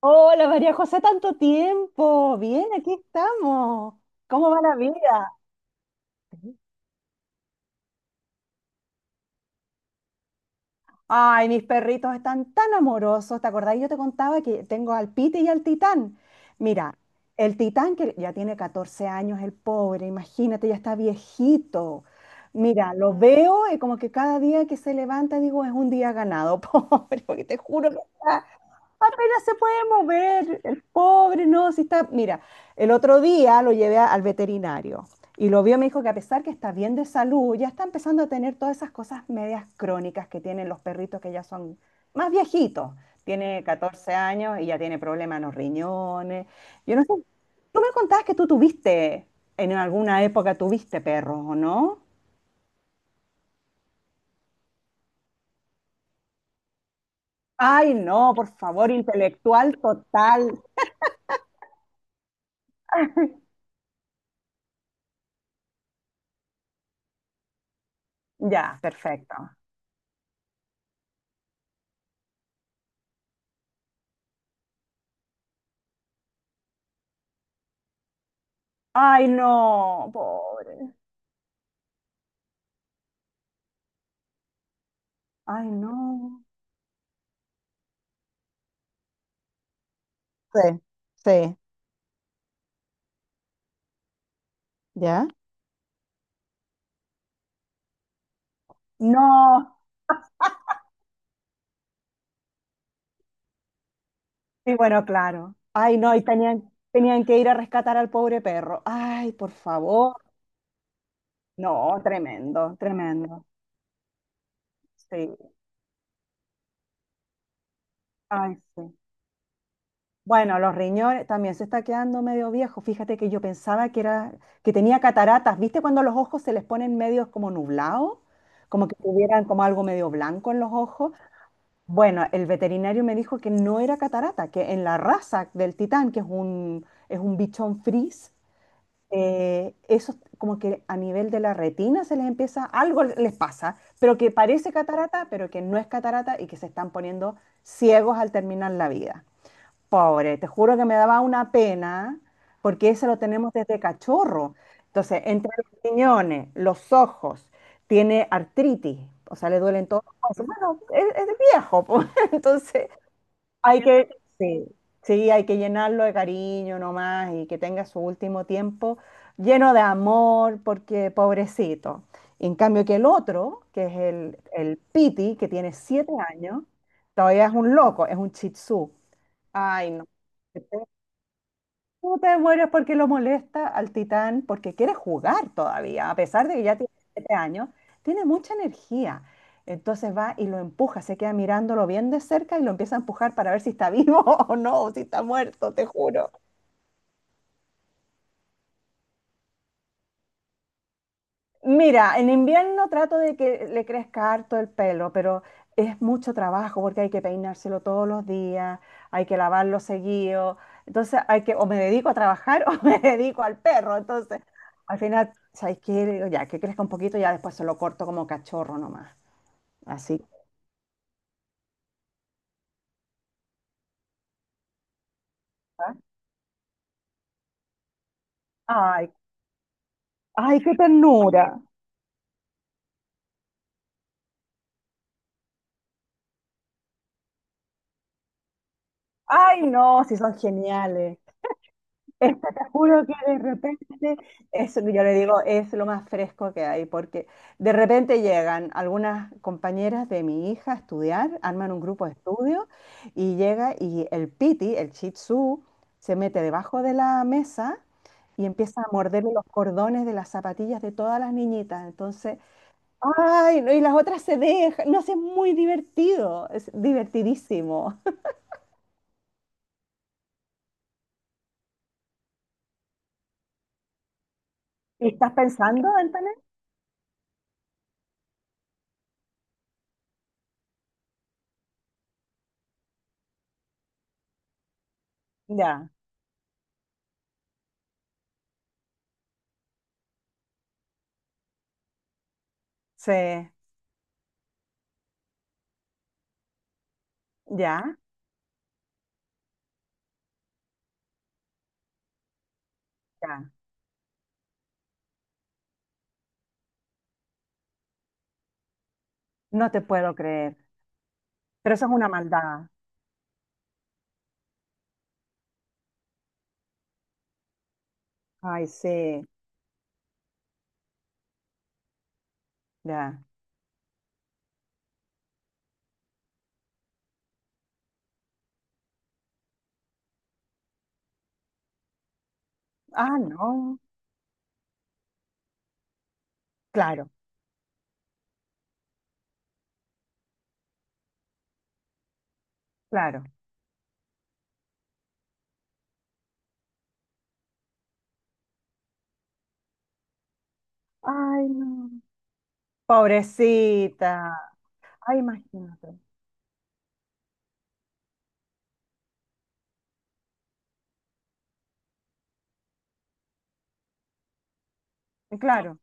Hola María José, tanto tiempo. Bien, aquí estamos. ¿Cómo va la vida? Ay, mis perritos están tan amorosos. ¿Te acordás? Yo te contaba que tengo al Pite y al Titán. Mira, el Titán que ya tiene 14 años, el pobre, imagínate, ya está viejito. Mira, lo veo y como que cada día que se levanta digo, es un día ganado, pobre, porque te juro que está apenas se puede mover, el pobre, no, si está, mira, el otro día lo llevé al veterinario y lo vio, me dijo que a pesar que está bien de salud, ya está empezando a tener todas esas cosas medias crónicas que tienen los perritos que ya son más viejitos. Tiene 14 años y ya tiene problemas en los riñones. Yo no sé, tú me contabas que tú tuviste, en alguna época tuviste perros, ¿o no? Ay, no, por favor, intelectual total. Ya, perfecto. Ay, no, pobre. Ay, no. Sí, sí, ¿ya? No. Sí, bueno, claro. Ay, no, y tenían, tenían que ir a rescatar al pobre perro. Ay, por favor. No, tremendo, tremendo. Sí, ay, sí. Bueno, los riñones también se está quedando medio viejo. Fíjate que yo pensaba que era, que tenía cataratas. ¿Viste cuando los ojos se les ponen medios como nublados? Como que tuvieran como algo medio blanco en los ojos. Bueno, el veterinario me dijo que no era catarata, que en la raza del titán, que es es un bichón fris, eso como que a nivel de la retina se les empieza, algo les pasa, pero que parece catarata, pero que no es catarata y que se están poniendo ciegos al terminar la vida. Pobre, te juro que me daba una pena, porque eso lo tenemos desde cachorro. Entonces, entre los riñones, los ojos, tiene artritis, o sea, le duelen todos los huesos. Bueno, es viejo, pues, entonces hay que, sí, sí, hay que llenarlo de cariño nomás y que tenga su último tiempo lleno de amor, porque pobrecito. En cambio que el otro, que es el Piti, que tiene 7 años, todavía es un loco, es un chitsú. Ay, no. Tú te mueres porque lo molesta al Titán, porque quiere jugar todavía, a pesar de que ya tiene 7 años, tiene mucha energía. Entonces va y lo empuja, se queda mirándolo bien de cerca y lo empieza a empujar para ver si está vivo o no, o si está muerto, te juro. Mira, en invierno trato de que le crezca harto el pelo, pero es mucho trabajo porque hay que peinárselo todos los días, hay que lavarlo seguido. Entonces hay que, o me dedico a trabajar o me dedico al perro. Entonces, al final, ¿sabes qué? Le digo, ya, que crezca un poquito, ya después se lo corto como cachorro nomás. Así. ¿Ah? Ay, ay, qué ternura. Ay, no, si son geniales. Es que te juro que de repente, eso que yo le digo, es lo más fresco que hay, porque de repente llegan algunas compañeras de mi hija a estudiar, arman un grupo de estudio y llega y el piti, el shih tzu, se mete debajo de la mesa y empieza a morderle los cordones de las zapatillas de todas las niñitas. Entonces, ay, no, y las otras se dejan, no sé, es muy divertido, es divertidísimo. ¿Y estás pensando, Antonio? Ya, sí, ya, ya. No te puedo creer. Pero eso es una maldad. Ay, sí, ya. Ah, no. Claro, claro. Ay, no. Pobrecita. Ay, imagínate. Claro.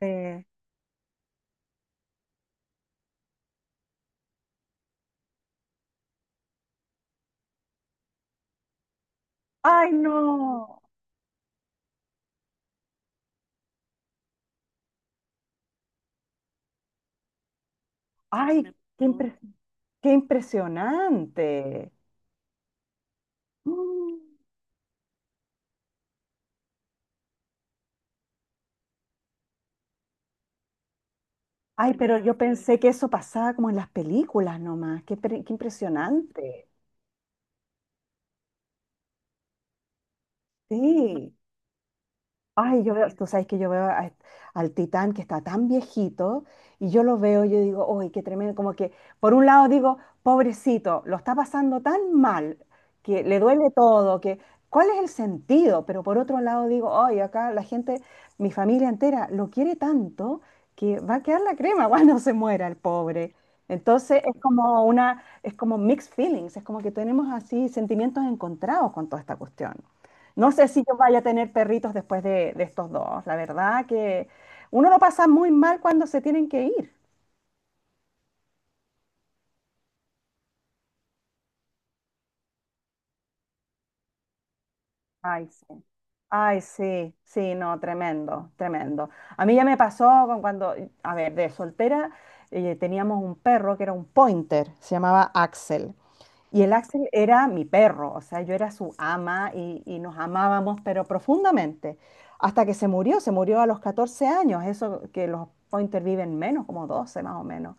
eh, Ay, no. Ay, qué, qué impresionante. Mm. Ay, pero yo pensé que eso pasaba como en las películas nomás. Qué, qué impresionante. Sí. Ay, yo veo, tú sabes que yo veo al Titán que está tan viejito y yo lo veo, y yo digo, ¡ay, qué tremendo! Como que, por un lado digo, pobrecito, lo está pasando tan mal, que le duele todo, que, ¿cuál es el sentido? Pero por otro lado digo, ¡ay, acá la gente, mi familia entera, lo quiere tanto que va a quedar la crema cuando se muera el pobre! Entonces es como una, es como mixed feelings, es como que tenemos así sentimientos encontrados con toda esta cuestión. No sé si yo vaya a tener perritos después de estos dos. La verdad que uno lo pasa muy mal cuando se tienen que ir. Ay, sí. Ay, sí, sí, no, tremendo, tremendo. A mí ya me pasó con cuando, a ver, de soltera teníamos un perro que era un pointer, se llamaba Axel. Y el Axel era mi perro, o sea, yo era su ama y nos amábamos, pero profundamente. Hasta que se murió a los 14 años, eso que los pointer viven menos, como 12 más o menos.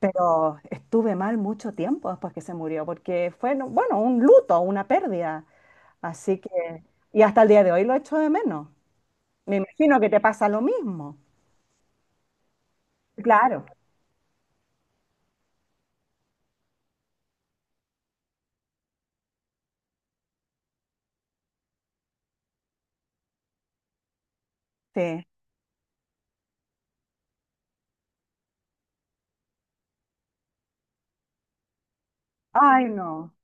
Pero estuve mal mucho tiempo después que se murió, porque fue, bueno, un luto, una pérdida. Así que, y hasta el día de hoy lo echo de menos. Me imagino que te pasa lo mismo. Claro. Sí. Ay, no.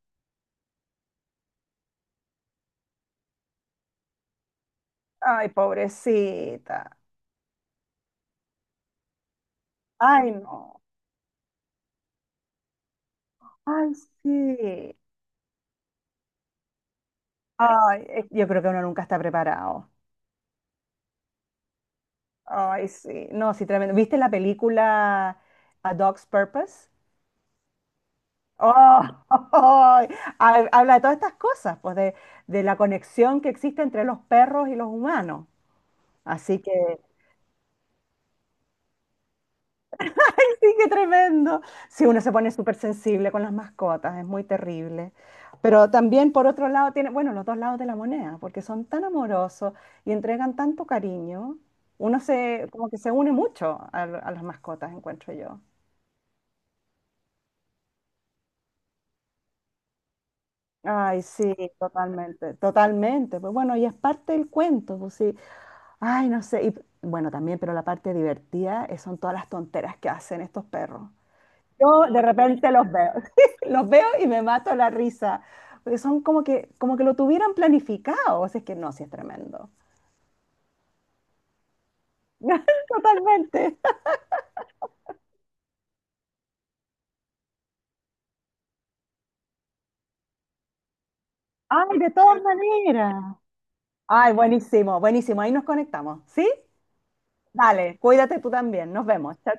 Ay, pobrecita. Ay, no. Ay, sí. Ay, yo creo que uno nunca está preparado. Ay, sí. No, sí, tremendo. ¿Viste la película A Dog's Purpose? Oh, Habla de todas estas cosas, pues de la conexión que existe entre los perros y los humanos. Así que, sí, qué tremendo. Si uno se pone súper sensible con las mascotas, es muy terrible. Pero también, por otro lado, tiene, bueno, los dos lados de la moneda, porque son tan amorosos y entregan tanto cariño. Uno se, como que se une mucho a las mascotas, encuentro yo. Ay, sí, totalmente, totalmente. Pues bueno, y es parte del cuento, pues sí. Ay, no sé. Y, bueno, también, pero la parte divertida son todas las tonteras que hacen estos perros. Yo de repente los veo, los veo y me mato la risa, porque son como que lo tuvieran planificado, o sea, es que no, sí es tremendo. Totalmente. Ay, de todas maneras. Ay, buenísimo, buenísimo, ahí nos conectamos, ¿sí? Dale, cuídate tú también, nos vemos. Chao,